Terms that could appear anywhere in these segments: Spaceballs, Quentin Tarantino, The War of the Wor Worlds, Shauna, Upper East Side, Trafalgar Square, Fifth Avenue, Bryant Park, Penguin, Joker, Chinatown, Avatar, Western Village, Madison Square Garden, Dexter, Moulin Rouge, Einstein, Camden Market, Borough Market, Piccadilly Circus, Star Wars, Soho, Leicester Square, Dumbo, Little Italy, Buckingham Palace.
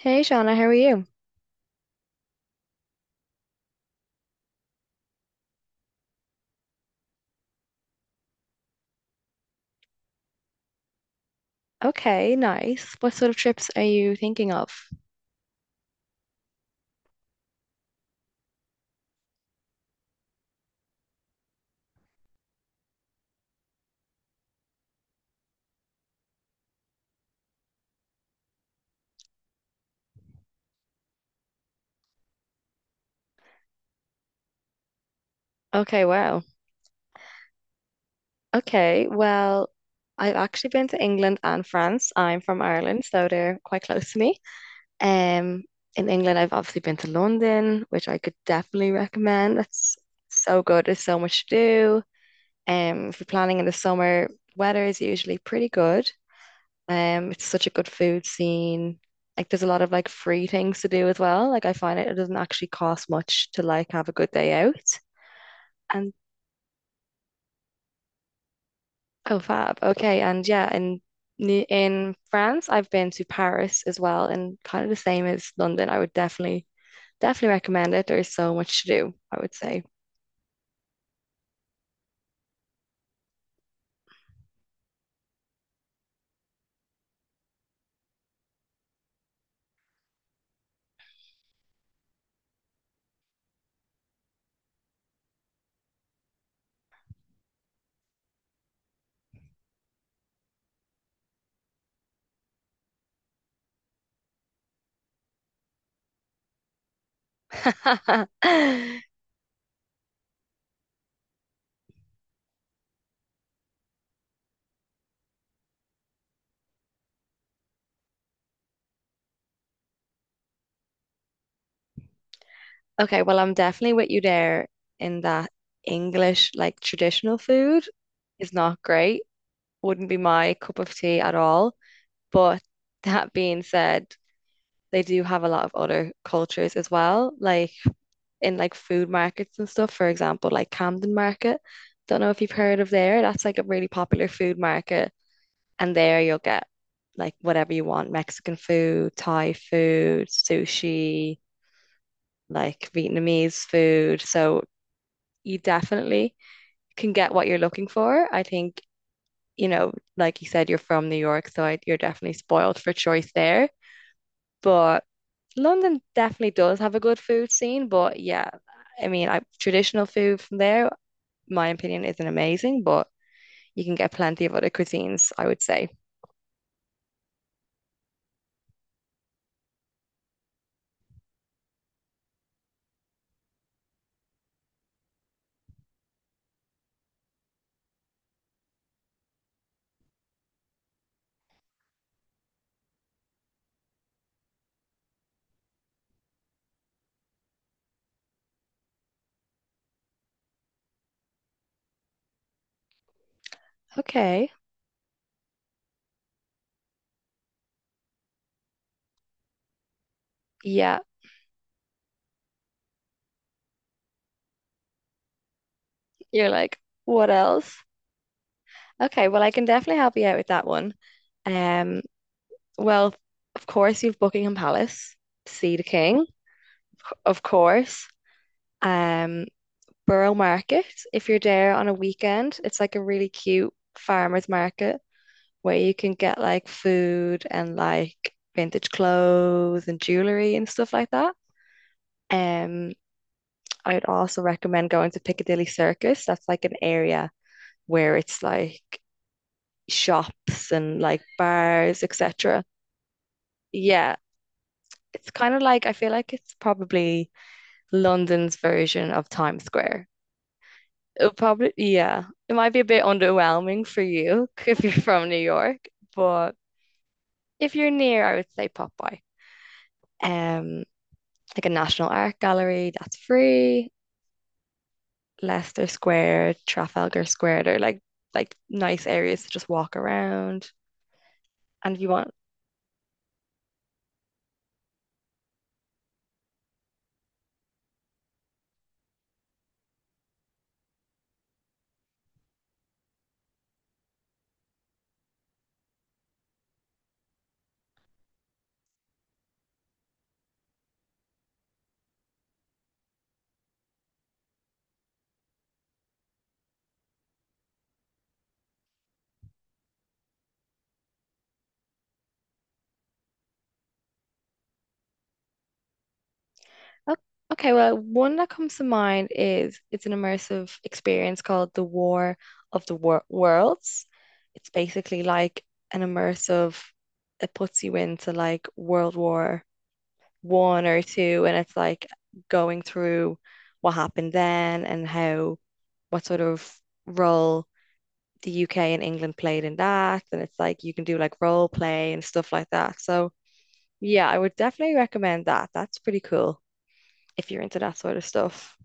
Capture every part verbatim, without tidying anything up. Hey Shauna, how are you? Okay, nice. What sort of trips are you thinking of? Okay, wow. Okay, well, I've actually been to England and France. I'm from Ireland, so they're quite close to me. Um, in England, I've obviously been to London, which I could definitely recommend. That's so good. There's so much to do. Um, if you're planning in the summer, weather is usually pretty good. Um, it's such a good food scene. Like there's a lot of like free things to do as well. Like I find it, it doesn't actually cost much to like have a good day out. And oh fab. Okay. And yeah, in in France, I've been to Paris as well, and kind of the same as London. I would definitely definitely recommend it. There's so much to do, I would say. Okay, well, I'm definitely with you there in that English, like traditional food is not great. Wouldn't be my cup of tea at all. But that being said, they do have a lot of other cultures as well, like in like food markets and stuff. For example, like Camden Market. Don't know if you've heard of there. That's like a really popular food market, and there you'll get like whatever you want, Mexican food, Thai food, sushi, like Vietnamese food. So you definitely can get what you're looking for. I think, you know, like you said, you're from New York, so I, you're definitely spoiled for choice there. But London definitely does have a good food scene, but yeah, I mean, I, traditional food from there, my opinion, isn't amazing, but you can get plenty of other cuisines, I would say. Okay, yeah, you're like, what else? Okay, well, I can definitely help you out with that one. Um, well, of course, you've Buckingham Palace to see the King, of course. Um, Borough Market, if you're there on a weekend, it's like a really cute farmers market where you can get like food and like vintage clothes and jewelry and stuff like that. Um, I would also recommend going to Piccadilly Circus. That's like an area where it's like shops and like bars, et cetera. Yeah, it's kind of like I feel like it's probably London's version of Times Square. It'll probably, yeah, it might be a bit underwhelming for you if you're from New York, but if you're near, I would say pop by. Um, like a National Art Gallery that's free, Leicester Square, Trafalgar Square, they're like like nice areas to just walk around. And if you want, oh, okay, well, one that comes to mind is it's an immersive experience called The War of the Wor Worlds. It's basically like an immersive, it puts you into like World War One or two, and it's like going through what happened then and how what sort of role the U K and England played in that. And it's like you can do like role play and stuff like that. So yeah, I would definitely recommend that. That's pretty cool if you're into that sort of stuff.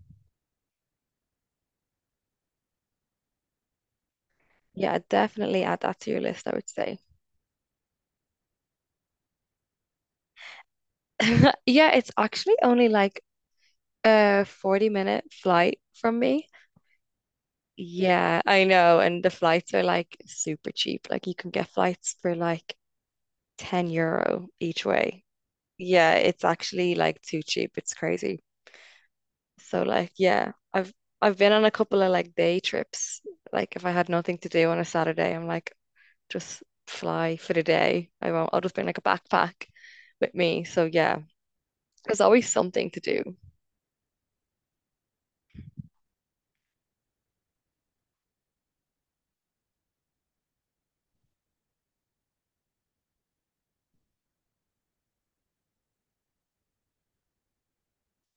Yeah, definitely add that to your list, I would say. Yeah, it's actually only like a forty minute flight from me. Yeah, I know. And the flights are like super cheap. Like you can get flights for like ten euro each way. Yeah, it's actually like too cheap. It's crazy. So like yeah, I've I've been on a couple of like day trips. Like if I had nothing to do on a Saturday, I'm like just fly for the day. I won't, I'll just bring like a backpack with me. So yeah, there's always something to do.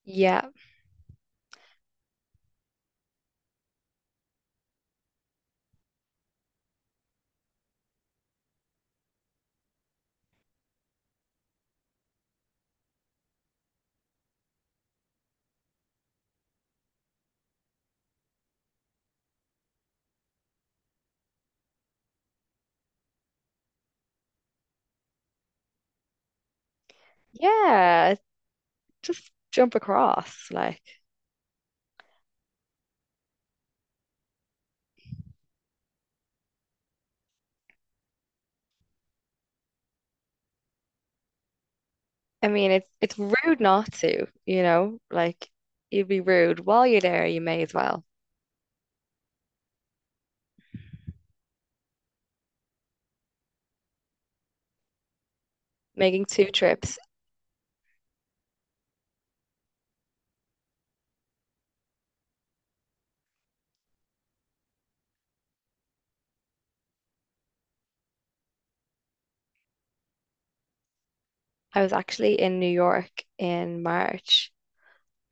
Yeah. Yeah, just jump across. Like I mean, it's it's rude not to, you know? Like you'd be rude while you're there, you may as well. Making two trips. I was actually in New York in March.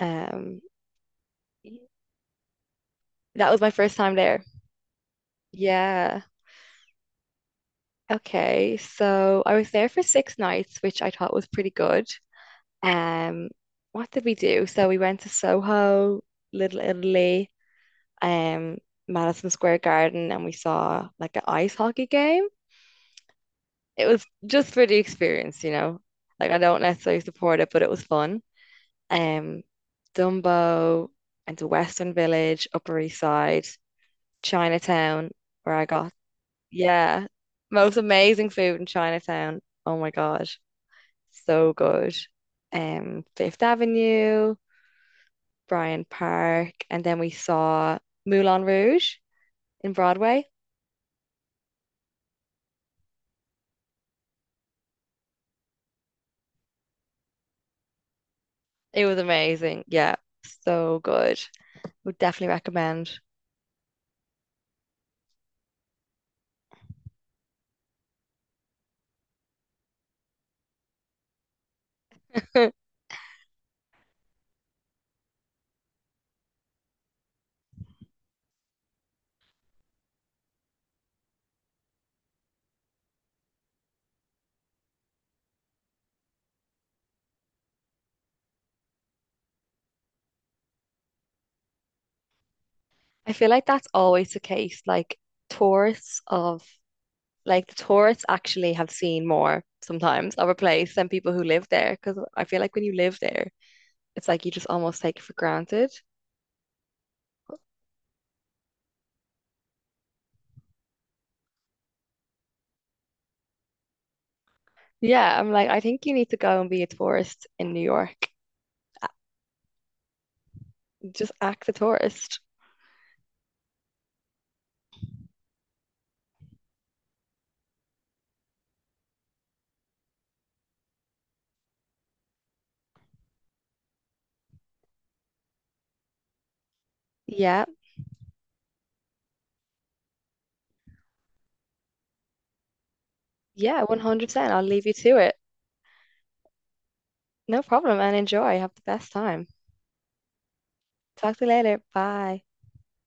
Um that was my first time there. Yeah. Okay. So I was there for six nights, which I thought was pretty good. Um, what did we do? So we went to Soho, Little Italy, um, Madison Square Garden, and we saw like an ice hockey game. It was just for the experience, you know. Like I don't necessarily support it, but it was fun. Um, Dumbo and the Western Village, Upper East Side, Chinatown, where I got yeah. Most amazing food in Chinatown. Oh my gosh. So good. Um, Fifth Avenue, Bryant Park, and then we saw Moulin Rouge in Broadway. It was amazing. Yeah, so good. Would definitely recommend. I feel like that's always the case. Like tourists of like the tourists actually have seen more sometimes of a place than people who live there. Because I feel like when you live there, it's like you just almost take it for granted. Yeah, I'm like, I think you need to go and be a tourist in New York. A- Just act a tourist. Yeah, yeah, one hundred percent. I'll leave you to it. No problem, and enjoy. Have the best time. Talk to you later. Bye.